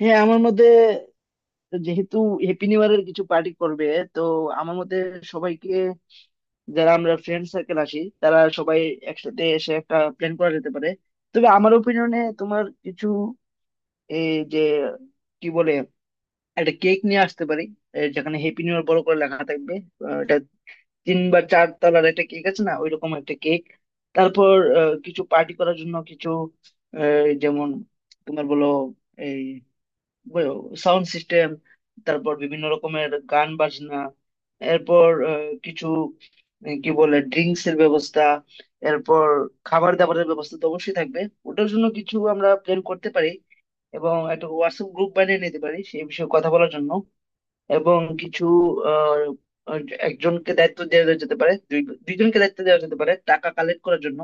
হ্যাঁ আমার মতে যেহেতু হ্যাপি নিউ ইয়ারের কিছু পার্টি করবে, তো আমার মতে সবাইকে, যারা আমরা ফ্রেন্ড সার্কেল আসি তারা সবাই একসাথে এসে একটা প্ল্যান করা যেতে পারে। তবে আমার ওপিনিয়নে তোমার কিছু, এই যে কি বলে, একটা কেক নিয়ে আসতে পারি এই যেখানে হ্যাপি নিউ ইয়ার বড় করে লেখা থাকবে। এটা 3 বা 4 তলার একটা কেক আছে না, ওইরকম একটা কেক। তারপর কিছু পার্টি করার জন্য কিছু, যেমন তোমার বলো সাউন্ড সিস্টেম, তারপর বিভিন্ন রকমের গান বাজনা। এরপর কিছু, কি বলে, ড্রিঙ্কস এর ব্যবস্থা। এরপর খাবার দাবারের ব্যবস্থা তো অবশ্যই থাকবে, ওটার জন্য কিছু আমরা প্ল্যান করতে পারি। এবং একটা হোয়াটসঅ্যাপ গ্রুপ বানিয়ে নিতে পারি সেই বিষয়ে কথা বলার জন্য। এবং কিছু, আহ, আহ, একজনকে দায়িত্ব দেওয়া যেতে পারে, দুইজনকে দায়িত্ব দেওয়া যেতে পারে টাকা কালেক্ট করার জন্য।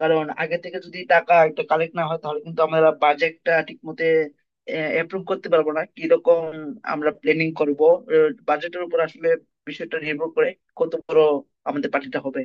কারণ আগে থেকে যদি টাকা একটা কালেক্ট না হয়, তাহলে কিন্তু আমরা বাজেটটা ঠিক মতে অ্যাপ্রুভ করতে পারবো না। কিরকম আমরা প্ল্যানিং করব, বাজেটের উপর আসলে বিষয়টা নির্ভর করে, কত বড় আমাদের পার্টিটা হবে।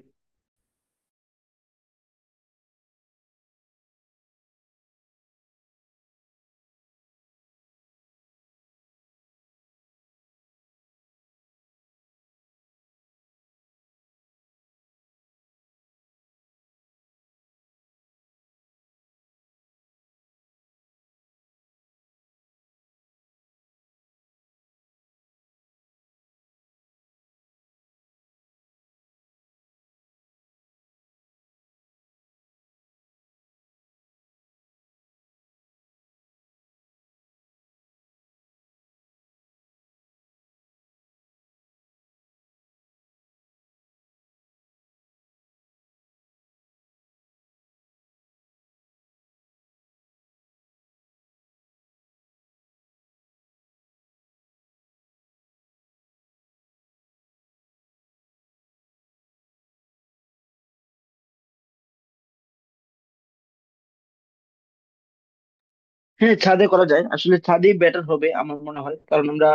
হ্যাঁ, ছাদে করা যায়, আসলে ছাদেই বেটার হবে আমার মনে হয়, কারণ আমরা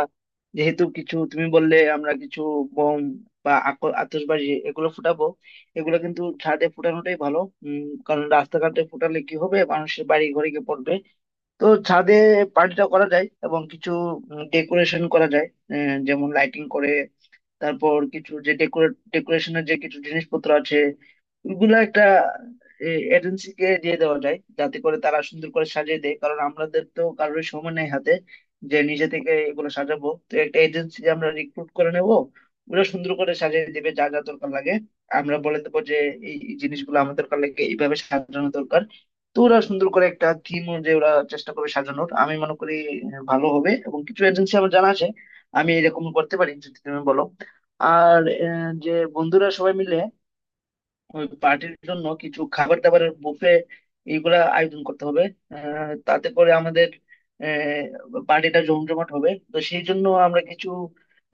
যেহেতু কিছু তুমি বললে আমরা কিছু বোম বা আতশবাজি এগুলো ফুটাবো, এগুলো কিন্তু ছাদে ফুটানোটাই ভালো। কারণ রাস্তাঘাটে ফুটালে কি হবে, মানুষের বাড়ি ঘরে গিয়ে পড়বে। তো ছাদে পার্টিটা করা যায় এবং কিছু ডেকোরেশন করা যায়, যেমন লাইটিং করে। তারপর কিছু যে ডেকোরেশনের যে কিছু জিনিসপত্র আছে ওগুলা একটা এজেন্সিকে দিয়ে দেওয়া যায়, যাতে করে তারা সুন্দর করে সাজিয়ে দেয়, কারণ আমাদের তো কারোর সময় নেই হাতে যে নিজে থেকে এগুলো সাজাবো। তো একটা এজেন্সি আমরা রিক্রুট করে নেবো, ওগুলো সুন্দর করে সাজিয়ে দেবে যা যা দরকার লাগে। আমরা বলে দেবো যে এই এই জিনিসগুলো আমার দরকার লাগে, এইভাবে সাজানো দরকার। তো ওরা সুন্দর করে একটা থিম অনুযায়ী ওরা চেষ্টা করবে সাজানোর, আমি মনে করি ভালো হবে। এবং কিছু এজেন্সি আমার জানা আছে, আমি এরকম করতে পারি যদি তুমি বলো। আর যে বন্ধুরা সবাই মিলে ওই পার্টির জন্য কিছু খাবার দাবারের বুফে এইগুলা আয়োজন করতে হবে। তাতে করে আমাদের পার্টিটা জমজমাট হবে। তো সেই জন্য আমরা কিছু,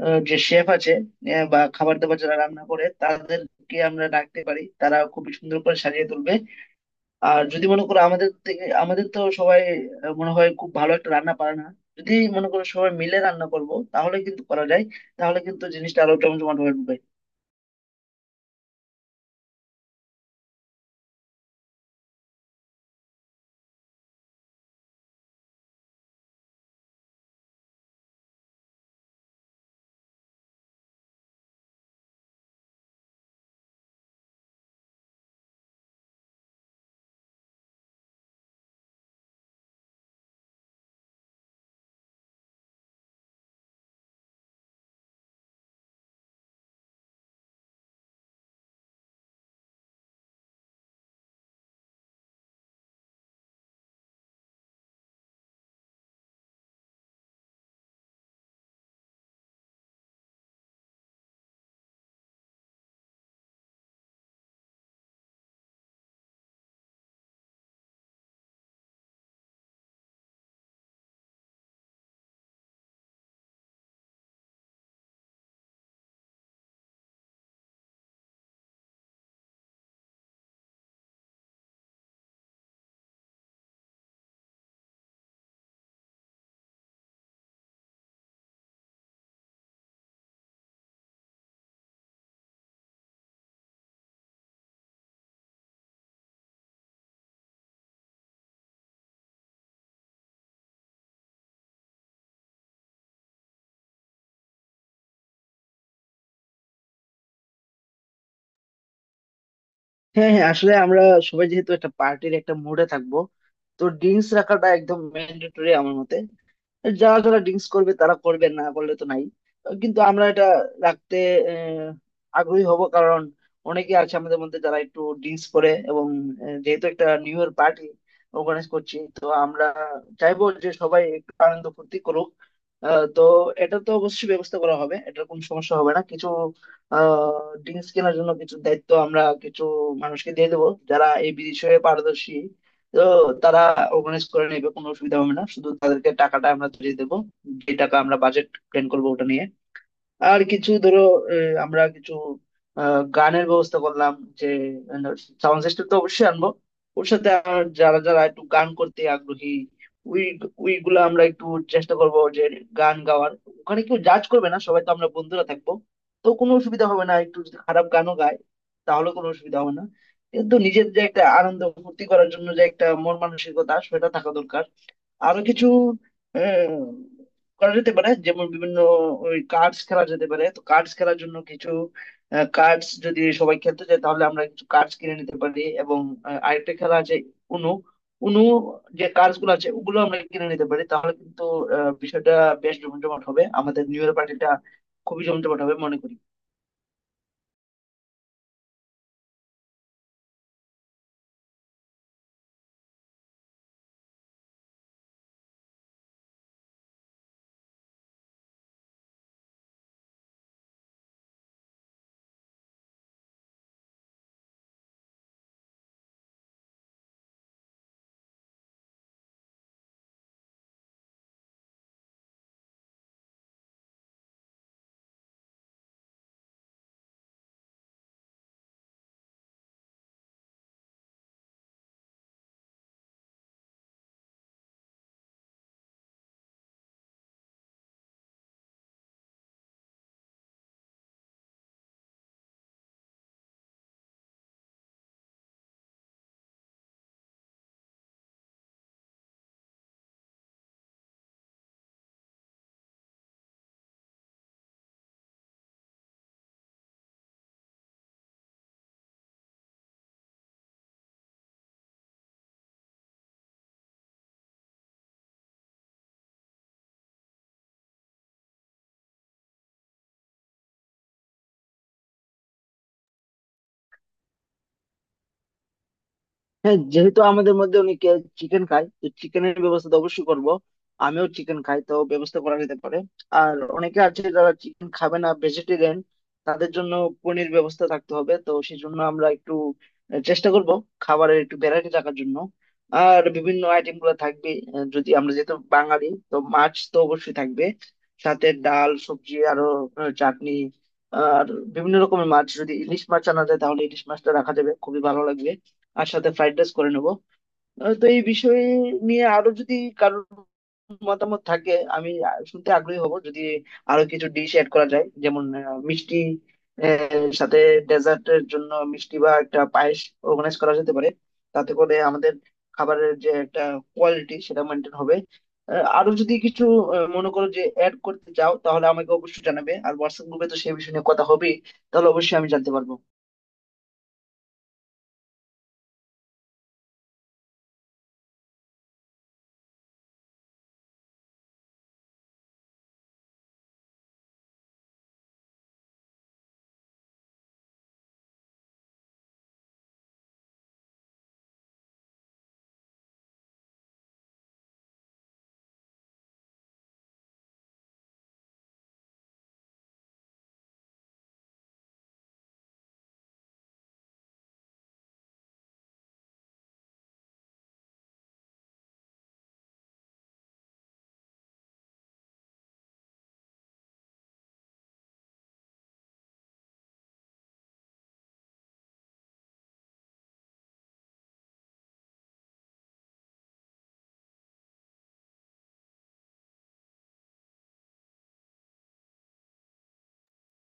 যে শেফ আছে, বা খাবার দাবার যারা রান্না করে তাদেরকে আমরা ডাকতে পারি, তারা খুবই সুন্দর করে সাজিয়ে তুলবে। আর যদি মনে করো আমাদের তো সবাই মনে হয় খুব ভালো একটা রান্না পারে না। যদি মনে করো সবাই মিলে রান্না করব তাহলে কিন্তু করা যায়, তাহলে কিন্তু জিনিসটা আরো জমজমাট হবে। হ্যাঁ, হ্যাঁ, আসলে আমরা সবাই যেহেতু একটা পার্টির একটা মুডে থাকবো, তো ড্রিঙ্কস রাখাটা একদম ম্যান্ডেটরি আমার মতে। যারা যারা ড্রিঙ্কস করবে তারা করবে, না করলে তো নাই, কিন্তু আমরা এটা রাখতে আহ, আগ্রহী হব, কারণ অনেকে আছে আমাদের মধ্যে যারা একটু ড্রিঙ্কস করে। এবং যেহেতু একটা নিউ ইয়ার পার্টি অর্গানাইজ করছি, তো আমরা চাইবো যে সবাই একটু আনন্দ ফুর্তি করুক। তো এটা তো অবশ্যই ব্যবস্থা করা হবে, এটার কোনো সমস্যা হবে না। কিছু ড্রিঙ্কস কেনার জন্য কিছু দায়িত্ব আমরা কিছু মানুষকে দিয়ে দেবো যারা এই বিষয়ে পারদর্শী। তো তারা অর্গানাইজ করে নেবে, কোনো অসুবিধা হবে না, শুধু তাদেরকে টাকাটা আমরা দিয়ে দেবো, যে টাকা আমরা বাজেট প্ল্যান করবো ওটা নিয়ে। আর কিছু ধরো, আমরা কিছু গানের ব্যবস্থা করলাম, যে সাউন্ড সিস্টেম তো অবশ্যই আনবো, ওর সাথে আর যারা যারা একটু গান করতে আগ্রহী উই উইগুলো আমরা একটু চেষ্টা করব যে গান গাওয়ার। ওখানে কেউ জাজ করবে না, সবাই তো আমরা বন্ধুরা থাকবো, তো কোনো অসুবিধা হবে না, একটু যদি খারাপ গানও গায় তাহলে কোনো অসুবিধা হবে না, কিন্তু নিজের যে একটা আনন্দ ফুর্তি করার জন্য যে একটা মন মানসিকতা সেটা থাকা দরকার। আরো কিছু আহ, করা যেতে পারে, যেমন বিভিন্ন ওই কার্ডস খেলা যেতে পারে। তো কার্ডস খেলার জন্য কিছু কার্ডস যদি সবাই খেলতে চায় তাহলে আমরা কিছু কার্ডস কিনে নিতে পারি। এবং আরেকটা খেলা আছে উনু উনু, যে কার্ডস গুলো আছে ওগুলো আমরা কিনে নিতে পারি, তাহলে কিন্তু বিষয়টা বেশ জমজমাট হবে আমাদের নিউ ইয়ার পার্টিটা, খুবই জমজমাট হবে মনে করি। হ্যাঁ, যেহেতু আমাদের মধ্যে অনেকে চিকেন খায়, তো চিকেনের ব্যবস্থা তো অবশ্যই করবো, আমিও চিকেন খাই, তো ব্যবস্থা করা যেতে পারে। আর অনেকে আছে যারা চিকেন খাবে না, ভেজিটেরিয়ান, তাদের জন্য পনির ব্যবস্থা থাকতে হবে। তো সেই জন্য আমরা একটু চেষ্টা করব খাবারের একটু ভ্যারাইটি রাখার জন্য। আর বিভিন্ন আইটেম গুলো থাকবে, যদি আমরা যেহেতু বাঙালি তো মাছ তো অবশ্যই থাকবে, সাথে ডাল সবজি আরো চাটনি। আর বিভিন্ন রকমের মাছ, যদি ইলিশ মাছ আনা যায় তাহলে ইলিশ মাছটা রাখা যাবে, খুবই ভালো লাগবে। আর সাথে ফ্রাইড রাইস করে নেবো। তো এই বিষয়ে নিয়ে আরো যদি কারোর মতামত থাকে, আমি শুনতে আগ্রহী হব, যদি আরো কিছু ডিশ অ্যাড করা যায়, যেমন মিষ্টি, সাথে ডেজার্টের জন্য মিষ্টি বা একটা পায়েস অর্গানাইজ করা যেতে পারে। তাতে করে আমাদের খাবারের যে একটা কোয়ালিটি সেটা মেনটেন হবে। আরো যদি কিছু মনে করো যে অ্যাড করতে চাও তাহলে আমাকে অবশ্যই জানাবে, আর হোয়াটসঅ্যাপ গ্রুপে তো সেই বিষয়ে নিয়ে কথা হবেই, তাহলে অবশ্যই আমি জানতে পারবো।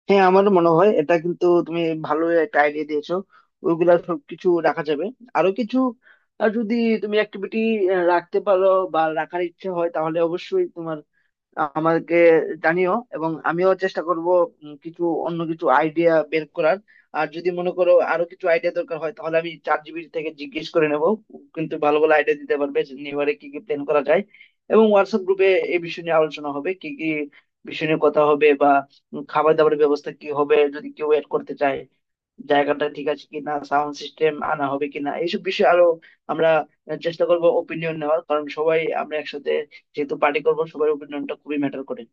হ্যাঁ, আমারও মনে হয় এটা কিন্তু তুমি ভালো একটা আইডিয়া দিয়েছো, ওইগুলা সবকিছু রাখা যাবে। আরো কিছু যদি তুমি অ্যাক্টিভিটি রাখতে পারো বা রাখার ইচ্ছে হয় তাহলে অবশ্যই তোমার আমাকে জানিও, এবং আমিও চেষ্টা করব কিছু অন্য কিছু আইডিয়া বের করার। আর যদি মনে করো আরো কিছু আইডিয়া দরকার হয় তাহলে আমি চ্যাট জিপিটি থেকে জিজ্ঞেস করে নেব, কিন্তু ভালো ভালো আইডিয়া দিতে পারবে যে নিউ ইয়ারে কি কি প্ল্যান করা যায়। এবং হোয়াটসঅ্যাপ গ্রুপে এই বিষয় নিয়ে আলোচনা হবে কি কি বিষয় নিয়ে কথা হবে, বা খাবার দাবারের ব্যবস্থা কি হবে, যদি কেউ এড করতে চায়, জায়গাটা ঠিক আছে কিনা, সাউন্ড সিস্টেম আনা হবে কিনা, এইসব বিষয়ে আরো আমরা চেষ্টা করব ওপিনিয়ন নেওয়ার, কারণ সবাই আমরা একসাথে যেহেতু পার্টি করব, সবার ওপিনিয়নটা খুবই ম্যাটার করে।